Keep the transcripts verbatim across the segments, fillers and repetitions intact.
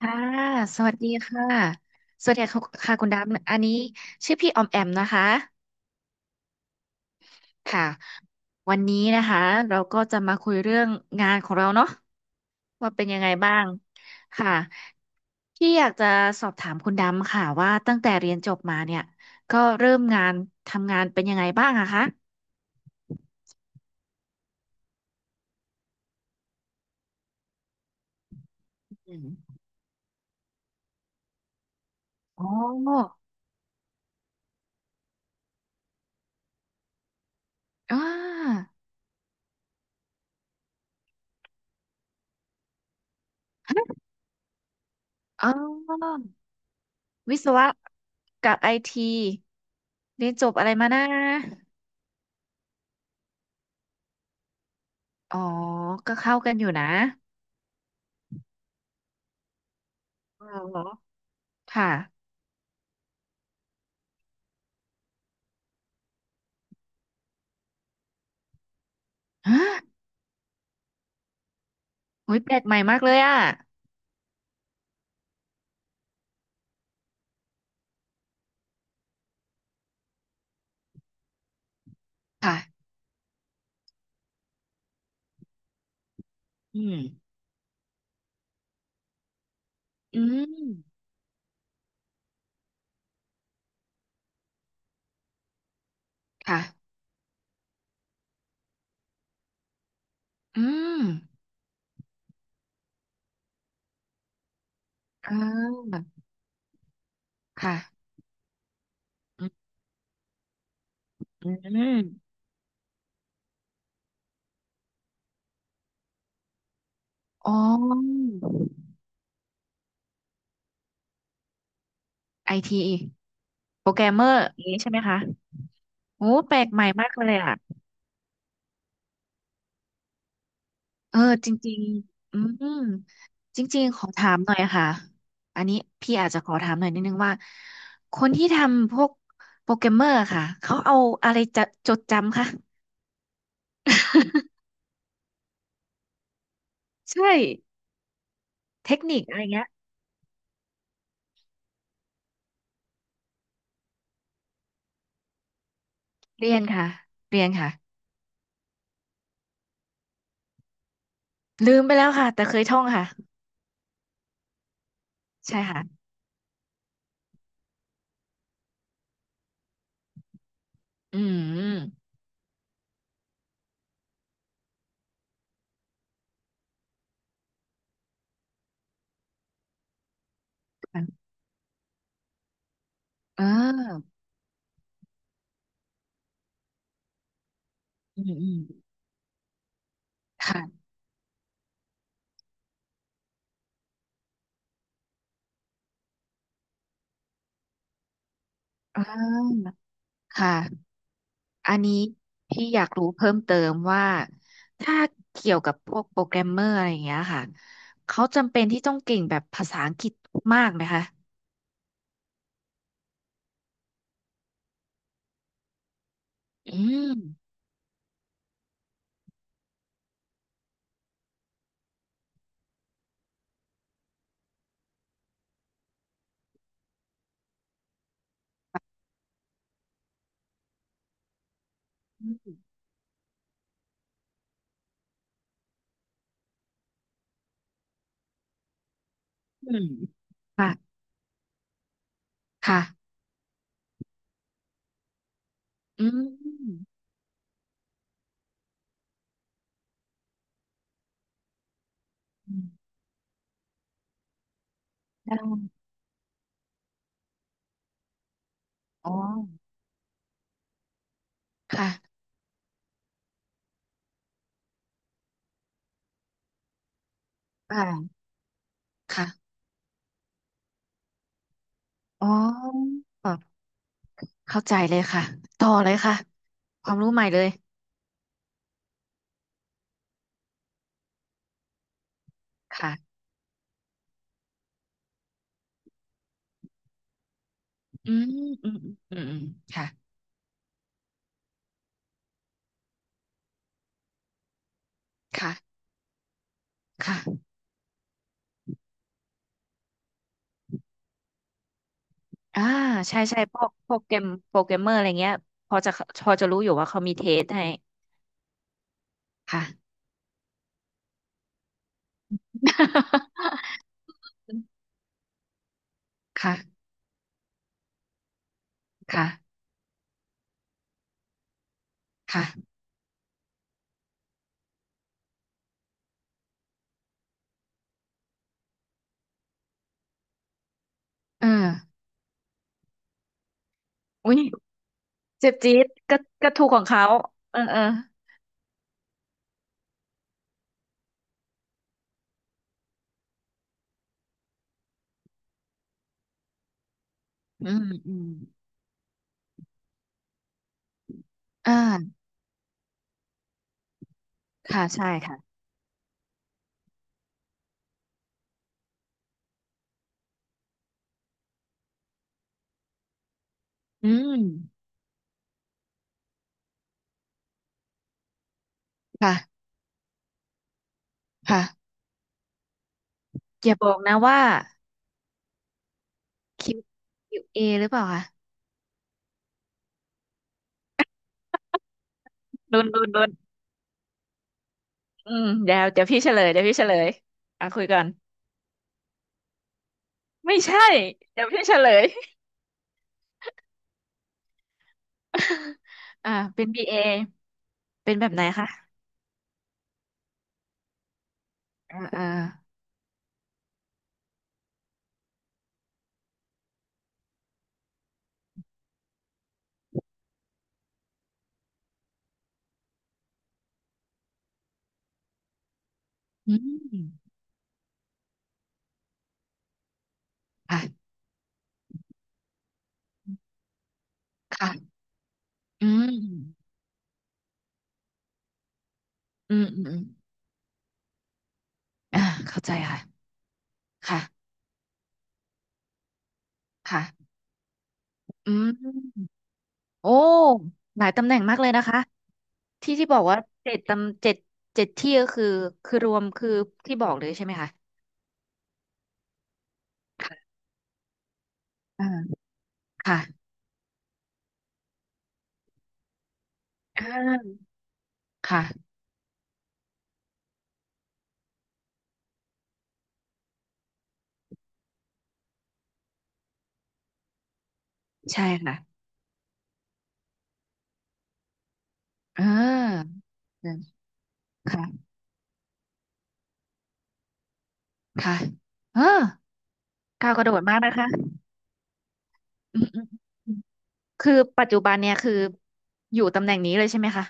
ค่ะสวัสดีค่ะ สวัสดีค่ะค่ะคุณดำอันนี้ชื่อพี่ออมแอมนะคะ ค่ะ วันนี้นะคะเราก็จะมาคุยเรื่องงานของเราเนาะว่าเป็นยังไงบ้างค่ะพี่อยากจะสอบถามคุณดำค่ะว่าตั้งแต่เรียนจบมาเนี่ยก็เริ่มงานทำงานเป็นยังไงบ้างอะคะอืมอ๋ออ่าอ๋อวิศวะกับไอทีเรียนจบอะไรมานะ อ๋อ ก็เข้ากันอยู่นะ อ๋อเหรอค่ะฮะโอ้ยแปลกใหม่มากเลยอ่ะค่ะอืมอืมค่ะอืมอ่าค่ะอืมอมอ๋อไอที โปรแกรมเมอร์อย่างนี้ใช่ไหมคะโอ้แปลกใหม่มากเลยอ่ะ เออจริงๆอืมจริงๆขอถามหน่อยค่ะอันนี้พี่อาจจะขอถามหน่อยนิดนึงว่าคนที่ทำพวกโปรแกรมเมอร์ค่ะเขาเอาอะไรจะจดจำคะ ใช่เทคนิคอะไรเงี้ยเรียนค่ะเรียนค่ะลืมไปแล้วค่ะแต่เคยท่องค่ะใช่ค่ะอืมค่ะเอออืมอืมค่ะอ่าค่ะ อันนี้พี่อยากรู้เพิ่มเติมว่าถ้าเกี่ยวกับพวกโปรแกรมเมอร์อะไรอย่างเงี้ยค่ะเขาจำเป็นที่ต้องเก่งแบบภาษาอังกฤษมากไหมคะอืมอืมอืมค่ะค่ะอืมอืมได้อ๋อค่ะค่ะค่ะอ๋อเข้าใจเลยค่ะต่อเลยค่ะความรู้ใหม่เลยค่ะอืมอืมอืมอืมอืมค่ะค่ะค่ะ อ่าใช่ใช่พวกพวกเกมโปรแกรมเมอร์อะไรเงี้ยพอจะพอจะรู้อยู่ว่าเขามีเทสให้ค่ะ ค่ะค่ะค่ะเอออุ้ยเจ็บจี๊ดก็ก็ถูกของเขาเออเอออืมอืมอ่าค่ะใช่ค่ะอืมค่ะค่ะอย่าบอกนะว่า Q เ a หรือเปล่าคะรุนรุนรุนอืมเดี๋ยวเดี๋ยวพี่เฉลยเดี๋ยวพี่เฉลยอ่ะคุยกันไม่ใช่เดี๋ยวพี่เฉลย อ่าเป็นบีเอเป็นแบบไหนคะอ่าอ่าอืมค่ะค่ะอืมอืมอืมอมอ่าเข้าใจค่ะค่ะค่ะอืมโอ้หลายตำแหน่งมากเลยนะคะที่ที่บอกว่าเจ็ดตำเจ็ดเจ็ดที่ก็คือคือรวมคือที่บอกเลยใช่ไหมคะค่ะอ่าค่ะอ่าค่ะใช่ค่ะเอ่าค่ะค่ะเออก้าวกระโดดมากนะคะอืม คือปัจจุบันเนี่ยคืออยู่ตำแหน่งนี้เลยใช่ไหมคะ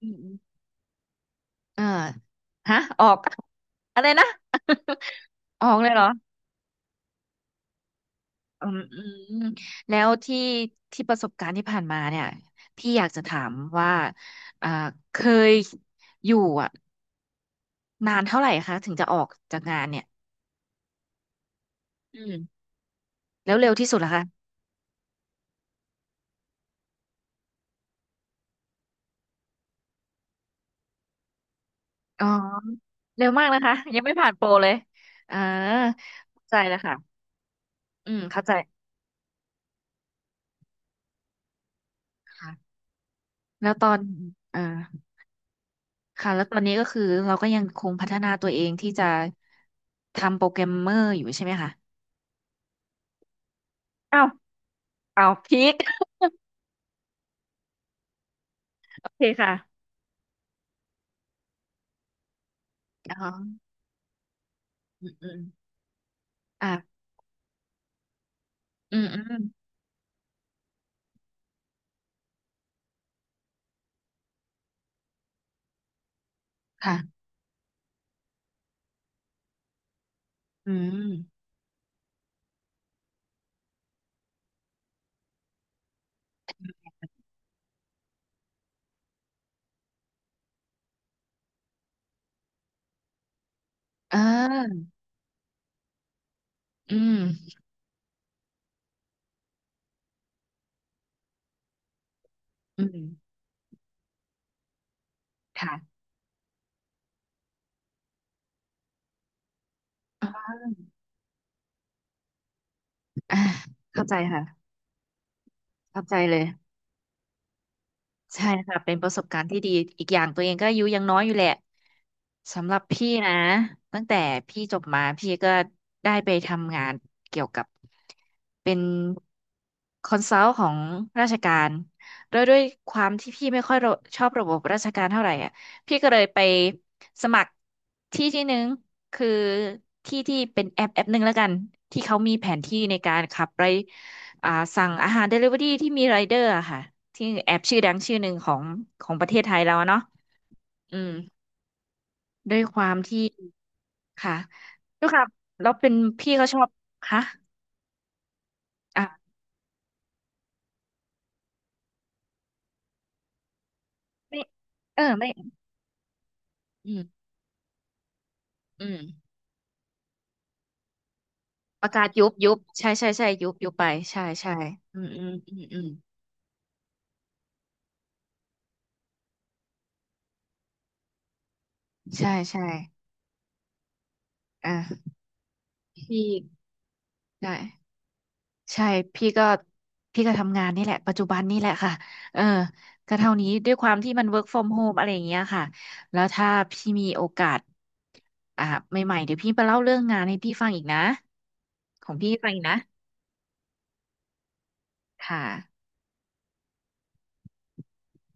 อืมอืมเออฮะออก อะไรนะ ออกเลยเหรออืมอืมอืมแล้วที่ที่ประสบการณ์ที่ผ่านมาเนี่ยพี่อยากจะถามว่าอ่าเคยอยู่อ่ะนานเท่าไหร่คะถึงจะออกจากงานเนี่ยอืมแล้วเร็วที่สุดเหรอคะอ๋อเร็วมากนะคะยังไม่ผ่านโปรเลยเออเข้าใจแล้วค่ะอืมเข้าใจค่ะแล้วตอนเออ ค่ะแล้วตอนนี้ก็คือเราก็ยังคงพัฒนาตัวเองที่จะทำโปรแกรมเมอร์อยู่ใช่ไหมคะอ้าวอ้าวพีคโอเคค่ะอ๋ออืมอืมอ่ะอืมอืมค่ะอืมเอออืมอืมค่ะอ่ะเข้าใจค่ะเข้าใจเลย ใช่ค่ะเป็นประสบการณ์ที่ดีอีกอย่างตัวเองก็อายุยังน้อยอยู่แหละสำหรับพี่นะตั้งแต่พี่จบมาพี่ก็ได้ไปทำงานเกี่ยวกับเป็นคอนซัลท์ของราชการโดยด้วยความที่พี่ไม่ค่อยระชอบระบบราชการเท่าไหร่อ่ะพี่ก็เลยไปสมัครที่ที่หนึ่งคือที่ที่เป็นแอปแอปหนึ่งแล้วกันที่เขามีแผนที่ในการขับไป อ่าสั่งอาหารเดลิเวอรี่ที่มีไรเดอร์อะค่ะที่แอปชื่อดังชื่อหนึ่งของของประเทศไทยเราอะเนาะอืมด้วยความที่ค่ะด้วยความเรับแล้วเป็นพี่ก็ชอบค่ะอ่ะไม่เออไม่อืมอืมประกาศยุบยุบใช่ใช่ใช่ยุบยุบไปใช่ใช่อืมอืมอืมอืมใช่ใช่อ่ะพี่ได้ ใช่พี่ก็พี่ก็ทำงานนี่แหละปัจจุบันนี่แหละค่ะเออก็เท่านี้ด้วยความที่มัน work from home อะไรอย่างเงี้ยค่ะแล้วถ้าพี่มีโอกาสอ่าใหม่ๆเดี๋ยวพี่ไปเล่าเรื่องงานให้พี่ฟังอีกนะของพี่ฟังอีกนะค่ะ